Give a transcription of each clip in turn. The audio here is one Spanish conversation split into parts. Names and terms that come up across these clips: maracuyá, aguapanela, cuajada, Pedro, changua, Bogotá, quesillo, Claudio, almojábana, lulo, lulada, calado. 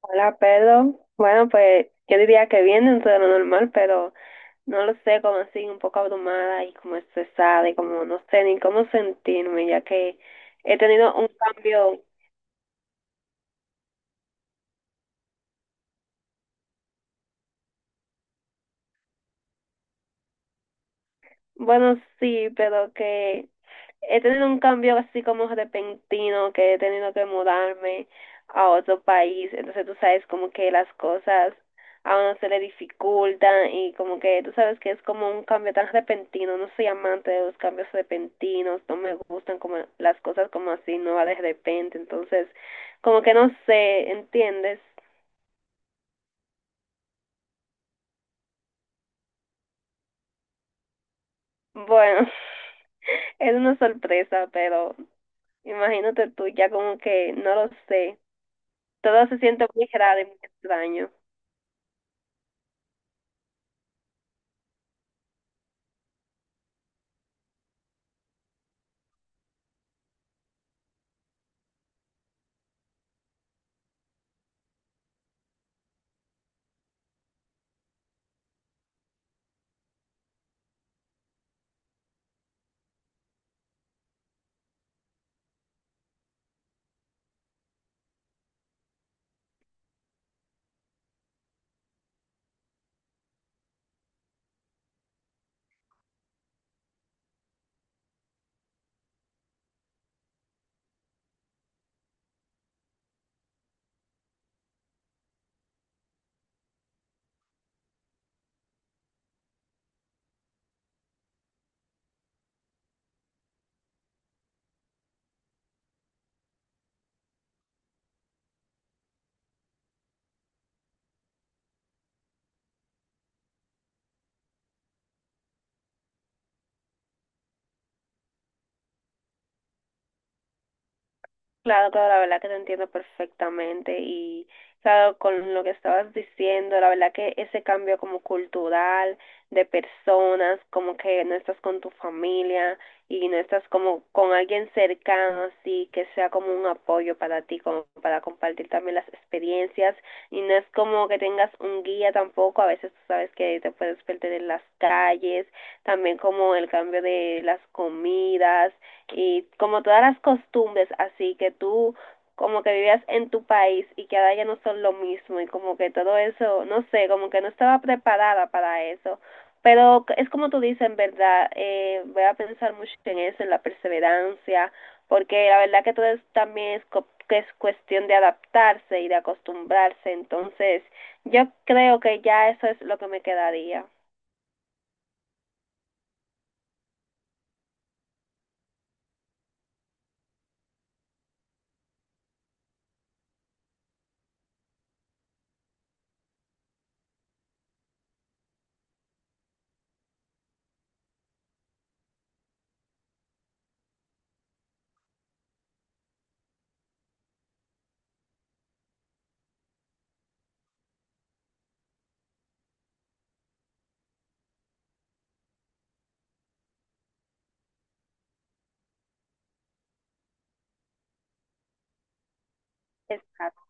Hola, Pedro. Bueno, pues yo diría que bien dentro de lo normal, pero no lo sé, como así, un poco abrumada y como estresada y como no sé ni cómo sentirme, ya que he tenido un cambio, bueno, sí, pero que he tenido un cambio así como repentino, que he tenido que mudarme a otro país. Entonces tú sabes como que las cosas a uno se le dificultan y como que tú sabes que es como un cambio tan repentino. No soy amante de los cambios repentinos, no me gustan como las cosas como así nuevas de repente. Entonces como que no sé, ¿entiendes? Bueno, es una sorpresa, pero imagínate tú ya como que no lo sé. Todo se siente muy raro y muy extraño. Claro, claro, la verdad que te entiendo perfectamente y claro, con lo que estabas diciendo, la verdad que ese cambio como cultural de personas, como que no estás con tu familia y no estás como con alguien cercano así que sea como un apoyo para ti, como para compartir también las experiencias y no es como que tengas un guía tampoco, a veces tú sabes que te puedes perder en las calles, también como el cambio de las comidas y como todas las costumbres así que tú como que vivías en tu país y que ahora ya no son lo mismo y como que todo eso, no sé, como que no estaba preparada para eso. Pero es como tú dices, en verdad, voy a pensar mucho en eso, en la perseverancia, porque la verdad que todo es, también es, que es cuestión de adaptarse y de acostumbrarse. Entonces, yo creo que ya eso es lo que me quedaría. Exacto.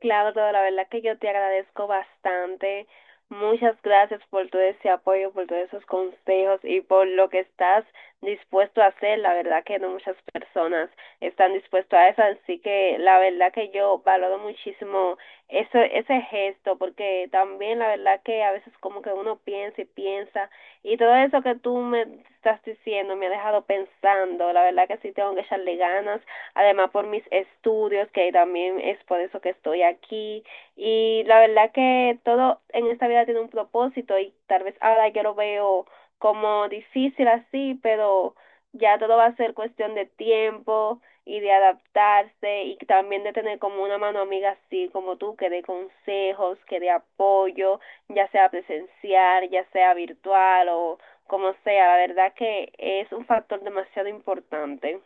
Claudio, la verdad que yo te agradezco bastante. Muchas gracias por todo ese apoyo, por todos esos consejos y por lo que estás dispuesto a hacer. La verdad que no muchas personas están dispuestas a eso, así que la verdad que yo valoro muchísimo eso, ese gesto, porque también la verdad que a veces como que uno piensa y piensa y todo eso que tú me estás diciendo me ha dejado pensando. La verdad que sí tengo que echarle ganas además por mis estudios, que también es por eso que estoy aquí. Y la verdad que todo en esta vida tiene un propósito y tal vez ahora yo lo veo como difícil así, pero ya todo va a ser cuestión de tiempo y de adaptarse y también de tener como una mano amiga así como tú, que dé consejos, que dé apoyo, ya sea presencial, ya sea virtual o como sea. La verdad que es un factor demasiado importante.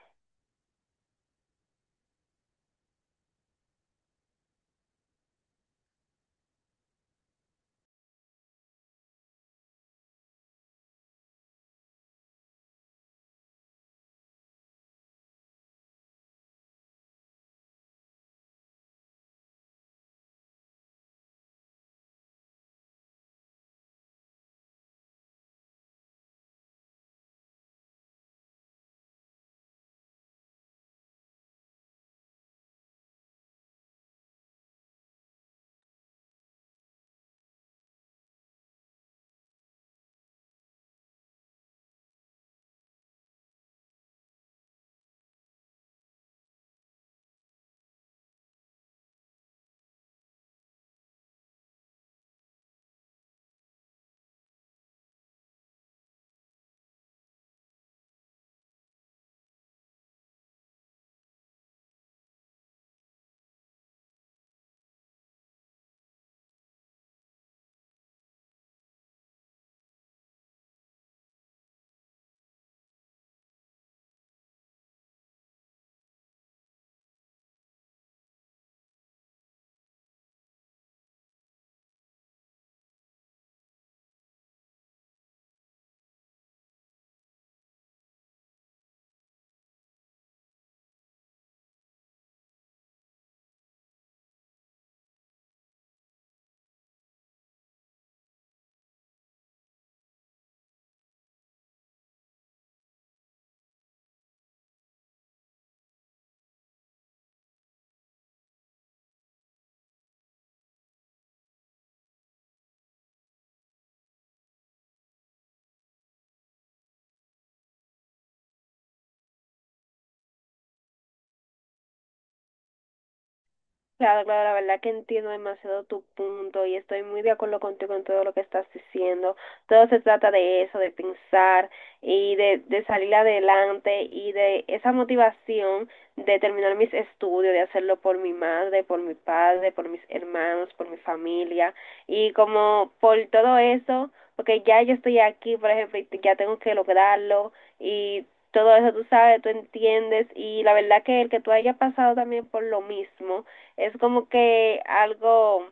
Claro, claro, la verdad que entiendo demasiado tu punto y estoy muy de acuerdo contigo en todo lo que estás diciendo. Todo se trata de eso, de pensar y de salir adelante y de esa motivación de terminar mis estudios, de hacerlo por mi madre, por mi padre, por mis hermanos, por mi familia y como por todo eso, porque ya yo estoy aquí, por ejemplo, y ya tengo que lograrlo y todo eso tú sabes, tú entiendes y la verdad que el que tú hayas pasado también por lo mismo es como que algo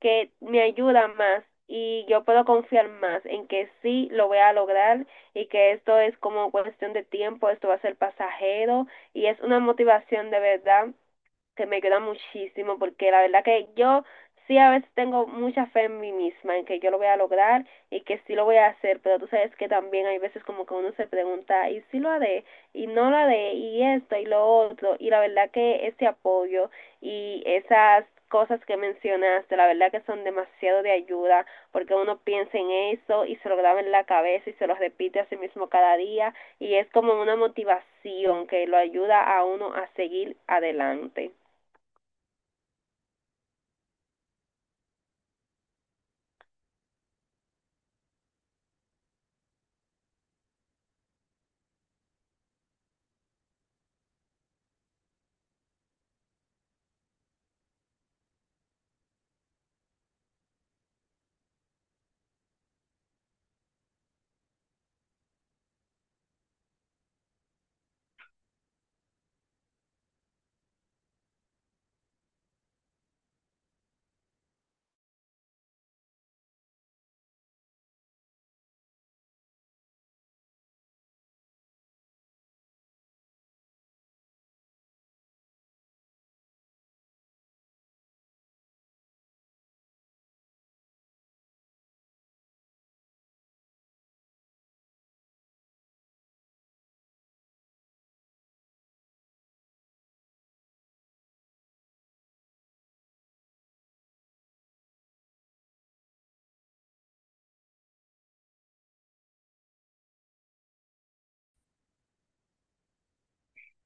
que me ayuda más y yo puedo confiar más en que sí lo voy a lograr y que esto es como cuestión de tiempo, esto va a ser pasajero y es una motivación de verdad que me queda muchísimo, porque la verdad que yo sí a veces tengo mucha fe en mí misma, en que yo lo voy a lograr y que sí lo voy a hacer, pero tú sabes que también hay veces como que uno se pregunta, ¿y si lo haré? ¿Y no lo haré? ¿Y esto? ¿Y lo otro? Y la verdad que ese apoyo y esas cosas que mencionaste, la verdad que son demasiado de ayuda, porque uno piensa en eso y se lo graba en la cabeza y se lo repite a sí mismo cada día, y es como una motivación que lo ayuda a uno a seguir adelante.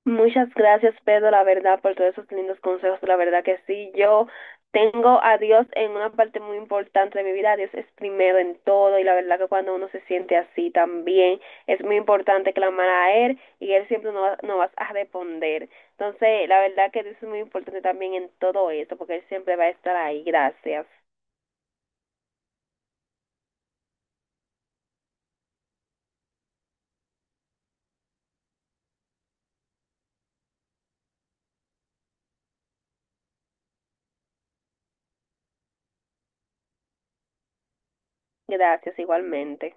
Muchas gracias, Pedro, la verdad, por todos esos lindos consejos. La verdad que sí, yo tengo a Dios en una parte muy importante de mi vida. Dios es primero en todo y la verdad que cuando uno se siente así también es muy importante clamar a Él y Él siempre nos va a responder. Entonces, la verdad que Dios es muy importante también en todo esto porque Él siempre va a estar ahí. Gracias. Gracias igualmente.